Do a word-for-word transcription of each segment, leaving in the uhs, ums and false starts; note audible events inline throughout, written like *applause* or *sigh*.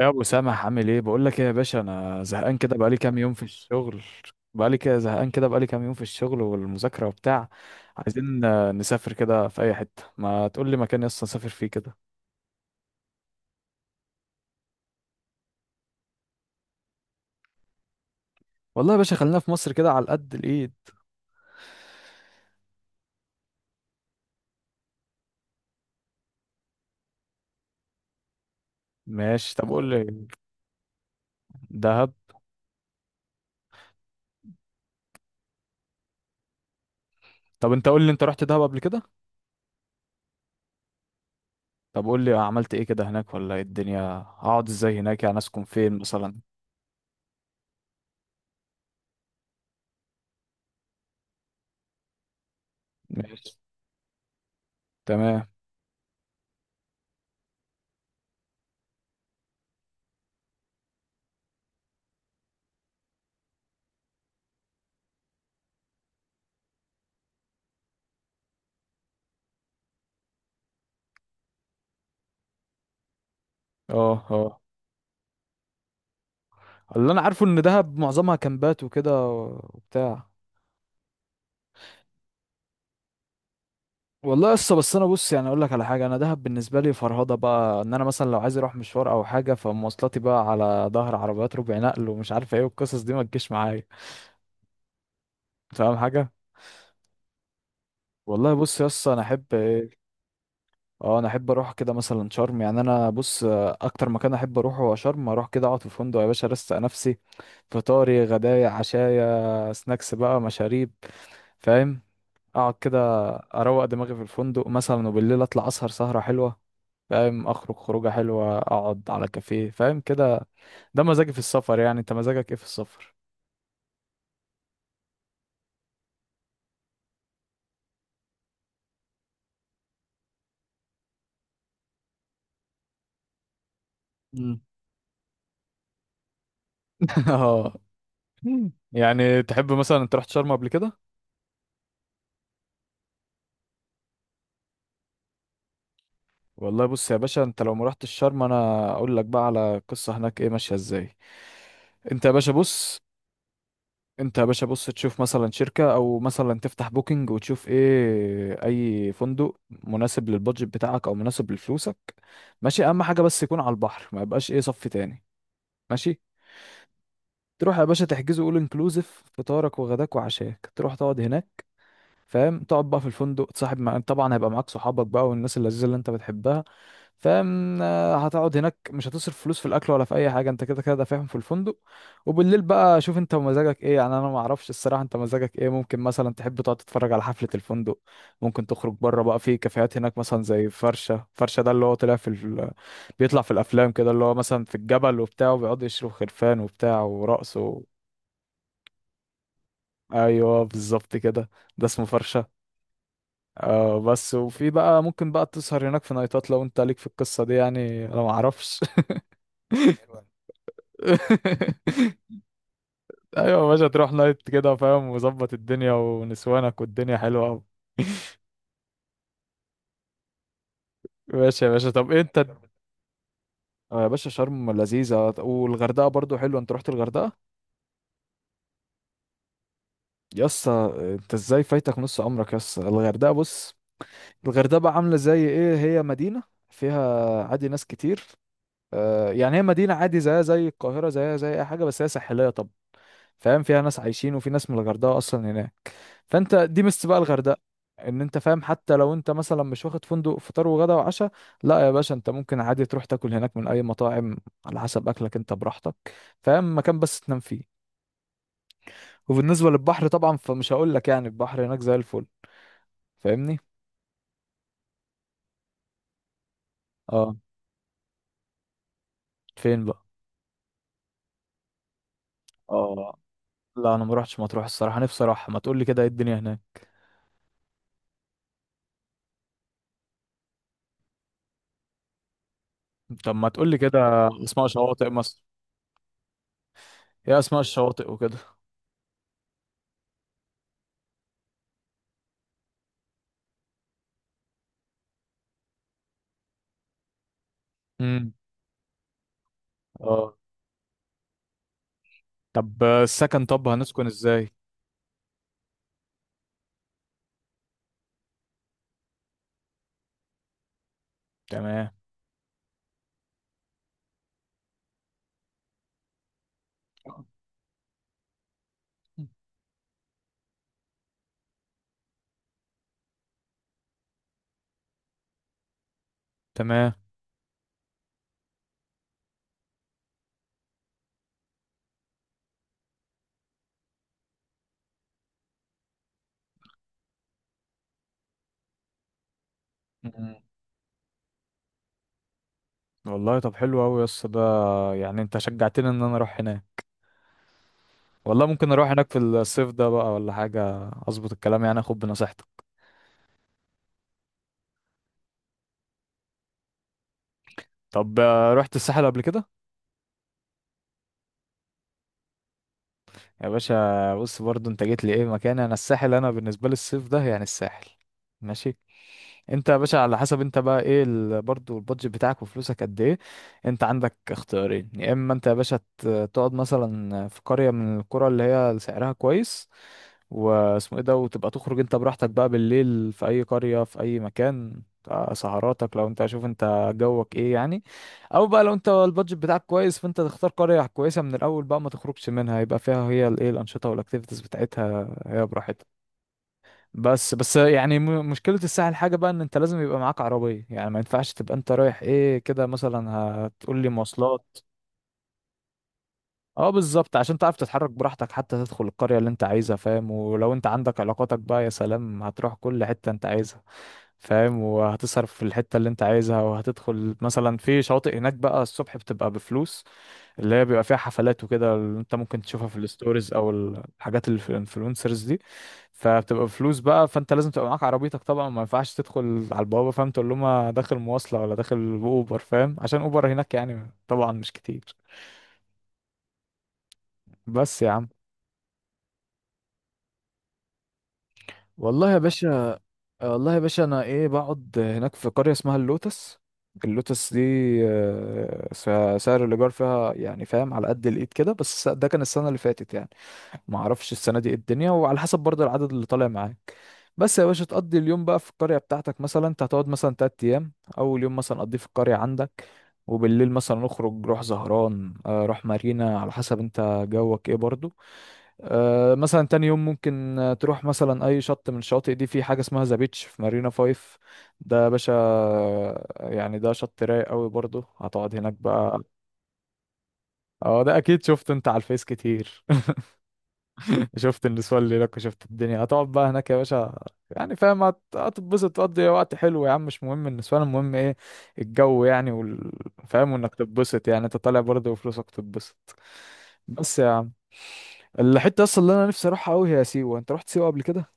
يا ابو سامح عامل ايه؟ بقول لك ايه يا باشا، انا زهقان كده، بقالي كام يوم في الشغل. بقالي كده زهقان كده، بقالي كام يوم في الشغل والمذاكره وبتاع. عايزين آه، نسافر كده في اي حته، ما تقول لي مكان يسطا نسافر فيه كده. والله يا باشا خلينا في مصر كده على قد الايد. ماشي، طب قول لي. دهب؟ طب انت قول لي، انت رحت دهب قبل كده؟ طب قول لي عملت ايه كده هناك، ولا ايه الدنيا؟ هقعد ازاي هناك؟ يعني اسكن فين مثلا؟ ماشي. تمام. اه، اه. اللي انا عارفه ان دهب معظمها كامبات وكده وبتاع. والله لسه. بس انا بص، يعني اقول لك على حاجه، انا دهب بالنسبه لي فرهضه بقى، ان انا مثلا لو عايز اروح مشوار او حاجه فمواصلاتي بقى على ظهر عربيات ربع نقل ومش عارف ايه، والقصص دي ما تجيش معايا. فاهم حاجه. والله بص يا اسطى، انا احب ايه. اه، انا احب اروح كده مثلا شرم، يعني انا بص، آه، اكتر مكان احب اروحه هو شرم. اروح كده اقعد في فندق يا باشا، ارستق نفسي. فطاري غدايا عشايا سناكس بقى مشاريب. فاهم. اقعد كده، اروق دماغي في الفندق مثلا، وبالليل اطلع اسهر سهرة حلوة. فاهم، اخرج خروجة حلوة، اقعد على كافيه، فاهم كده. ده مزاجي في السفر، يعني انت مزاجك ايه في السفر؟ مم. *laughs* اه. مم. يعني تحب مثلا؟ انت رحت شرم قبل كده؟ والله بص يا باشا، انت لو ما رحتش شرم انا اقول لك بقى على قصة هناك ايه ماشية ازاي. انت يا باشا بص، انت يا باشا بص، تشوف مثلا شركة، او مثلا تفتح بوكينج وتشوف ايه اي فندق مناسب للبادجت بتاعك او مناسب لفلوسك. ماشي. اهم حاجة بس يكون على البحر، ما يبقاش ايه صف تاني. ماشي. تروح يا باشا تحجزه اول انكلوزيف، فطارك وغداك وعشاك، تروح تقعد هناك. فاهم، تقعد بقى في الفندق، تصاحب مع... طبعا هيبقى معاك صحابك بقى والناس اللذيذة اللي انت بتحبها. فاهم، آه، هتقعد هناك مش هتصرف فلوس في الاكل ولا في اي حاجه، انت كده كده دافعهم في الفندق. وبالليل بقى شوف انت ومزاجك ايه، يعني انا ما اعرفش الصراحه انت مزاجك ايه، ممكن مثلا تحب تقعد تتفرج على حفله الفندق، ممكن تخرج بره بقى في كافيهات هناك، مثلا زي فرشه. فرشه ده اللي هو طلع في ال... بيطلع في الافلام كده، اللي هو مثلا في الجبل وبتاع، وبيقعد يشرب خرفان وبتاع ورقص و... ايوه بالظبط كده. ده اسمه فرشه. آه. بس وفي بقى ممكن بقى تسهر هناك في نايتات، لو انت ليك في القصه دي، يعني انا ما اعرفش. *laughs* *laughs* ايوه يا باشا، تروح نايت كده، فاهم، وظبط الدنيا ونسوانك، والدنيا حلوه قوي. *laughs* ماشي يا باشا طب انت. آه يا باشا شرم لذيذه، والغردقه برضو حلوه. انت رحت الغردقه؟ يسا؟ انت ازاي فايتك نص عمرك يسا؟ الغردقه بص، الغردقه بقى عامله زي ايه، هي مدينه، فيها عادي ناس كتير، آه، يعني هي مدينه عادي، زيها زي القاهره زيها زي اي حاجه، بس هي ساحليه. طب فاهم، فيها ناس عايشين، وفي ناس من الغردقه اصلا هناك. فانت دي ميزة بقى الغردقة، ان انت فاهم، حتى لو انت مثلا مش واخد فندق فطار وغدا وعشاء، لا يا باشا، انت ممكن عادي تروح تاكل هناك من اي مطاعم، على حسب اكلك، انت براحتك. فاهم، مكان بس تنام فيه. وبالنسبة للبحر طبعا فمش هقول لك، يعني البحر هناك زي الفل. فاهمني. اه. فين بقى؟ اه. لا انا ما روحتش مطروح الصراحة، نفسي اروح، ما تقول لي كده ايه الدنيا هناك. طب ما تقول لي كده اسماء شواطئ مصر، ايه اسماء الشواطئ وكده؟ امم اه. طب السكن، طب هنسكن ازاي؟ تمام. تمام. مم. والله طب حلو قوي يا اسطى ده، يعني انت شجعتني ان انا اروح هناك، والله ممكن اروح هناك في الصيف ده بقى ولا حاجه، اظبط الكلام، يعني اخد بنصيحتك. طب آه، رحت الساحل قبل كده؟ يا باشا بص، برضو انت جيت لي ايه مكان، انا الساحل انا بالنسبه لي الصيف ده يعني الساحل. ماشي. انت يا باشا على حسب انت بقى ايه ال- برضو البادجت بتاعك وفلوسك قد ايه. انت عندك اختيارين، يا اما انت يا باشا ت- تقعد مثلا في قرية من القرى اللي هي سعرها كويس، واسمه ايه ده، وتبقى تخرج انت براحتك بقى بالليل في اي قرية في اي مكان، اه، سهراتك لو انت شوف انت جوك ايه يعني. او بقى لو انت البادجت بتاعك كويس، فانت تختار قرية كويسة من الاول بقى، ما تخرجش منها، يبقى فيها هي الايه الانشطة والاكتيفيتيز بتاعتها، هي براحتها. بس بس يعني، م- مشكلة الساحل حاجة بقى، ان انت لازم يبقى معاك عربية، يعني ما ينفعش تبقى انت رايح ايه كده مثلا، هتقول لي مواصلات. اه بالظبط، عشان تعرف تتحرك براحتك، حتى تدخل القرية اللي انت عايزها، فاهم، ولو انت عندك علاقاتك بقى يا سلام، هتروح كل حتة انت عايزها، فاهم، وهتصرف في الحتة اللي انت عايزها، وهتدخل مثلا في شواطئ هناك بقى الصبح بتبقى بفلوس، اللي هي بيبقى فيها حفلات وكده، اللي انت ممكن تشوفها في الستوريز او الحاجات اللي في الانفلونسرز دي، فبتبقى فلوس بقى، فانت لازم تبقى معاك عربيتك طبعا، ما ينفعش تدخل على البوابه، فاهم، تقول لهم أنا داخل مواصله، ولا داخل اوبر، فاهم، عشان اوبر هناك يعني طبعا مش كتير. بس يا عم. والله يا باشا، والله يا باشا انا ايه بقعد هناك في قريه اسمها اللوتس، اللوتس دي آه، س- سعر الايجار فيها يعني فاهم على قد الايد كده، بس ده كان السنه اللي فاتت يعني، ما اعرفش السنه دي ايه الدنيا، وعلى حسب برضه العدد اللي طالع معاك. بس يا باشا تقضي اليوم بقى في القريه بتاعتك، مثلا انت هتقعد مثلا تلات ايام، اول يوم مثلا قضيه في القريه عندك، وبالليل مثلا نخرج، روح زهران، آه، روح مارينا، على حسب انت جوك ايه برضو. آه، مثلا تاني يوم ممكن آه، تروح مثلا اي شط من الشواطئ دي، في حاجه اسمها ذا بيتش في مارينا فايف، ده يا باشا آه، يعني ده شط رايق قوي برضو، هتقعد هناك بقى. اه ده اكيد شفته انت على الفيس كتير. شفت النسوان اللي لك، شفت الدنيا، هتقعد بقى هناك يا باشا، يعني فاهم هت- هتتبسط، تقضي وقت حلو يا عم، مش مهم النسوان، المهم ايه، الجو يعني وال... فاهم، وانك تتبسط، يعني انت طالع برضه وفلوسك تتبسط. بس يا عم، الحتة اصلا اللي انا نفسي اروحها قوي هي سيوة، انت رحت سيوة قبل كده؟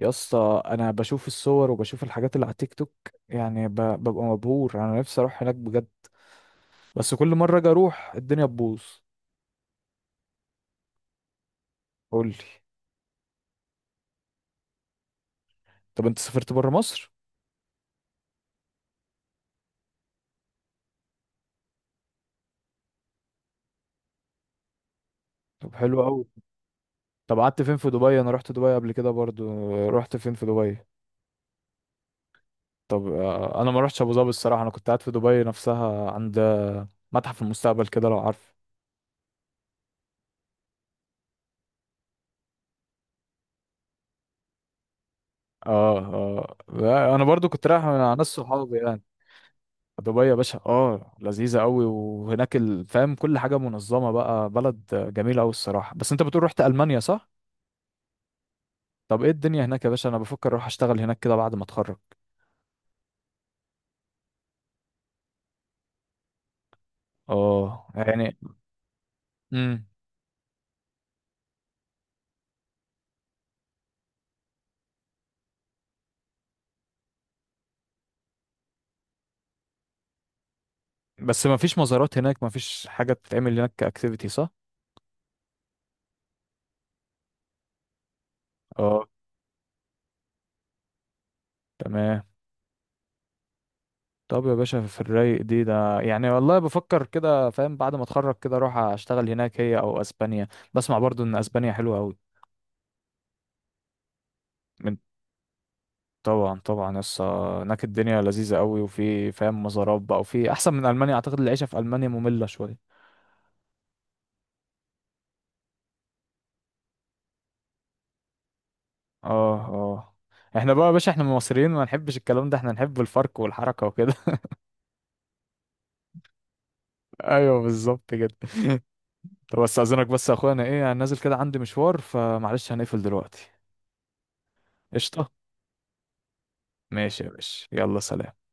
يا اسطى انا بشوف الصور وبشوف الحاجات اللي على تيك توك، يعني ب... ببقى مبهور، انا نفسي اروح هناك بجد، بس كل مرة اجي اروح الدنيا تبوظ. قول لي. طب انت سافرت بره مصر؟ طب حلو قوي. طب قعدت فين في دبي؟ انا رحت دبي قبل كده برضو، رحت فين في دبي؟ طب آه، انا ما رحتش ابو ظبي الصراحه، انا كنت قاعد في دبي نفسها، عند آه، متحف المستقبل كده لو عارف. اه اه، لا، انا برضو كنت رايح مع ناس صحابي يعني. دبي يا باشا اه لذيذه قوي، وهناك ال- فاهم كل حاجه منظمه بقى، بلد جميله قوي الصراحه. بس انت بتقول رحت المانيا صح؟ طب ايه الدنيا هناك يا باشا؟ انا بفكر اروح اشتغل هناك كده بعد ما اتخرج. اه يعني. امم بس ما فيش مزارات هناك؟ ما فيش حاجه تتعمل هناك كاكتيفيتي صح؟ اه. تمام. طب يا باشا في الرايق دي ده، يعني والله بفكر كده فاهم بعد ما اتخرج كده اروح اشتغل هناك، هي او اسبانيا. بسمع برضو ان اسبانيا حلوه قوي. من. طبعا طبعا، يس هناك الدنيا لذيذه قوي، وفي فاهم مزارات بقى، وفي احسن من المانيا، اعتقد العيشه في المانيا ممله شويه. اه اه. احنا بقى يا باشا احنا مصريين ما نحبش الكلام ده، احنا نحب الفرق والحركه وكده. *laughs* ايوه بالظبط كده. *laughs* طب استاذنك بس يا اخويا، انا ايه انا نازل كده عندي مشوار، فمعلش هنقفل دلوقتي. قشطه. ماشي يا باشا، يلا سلام.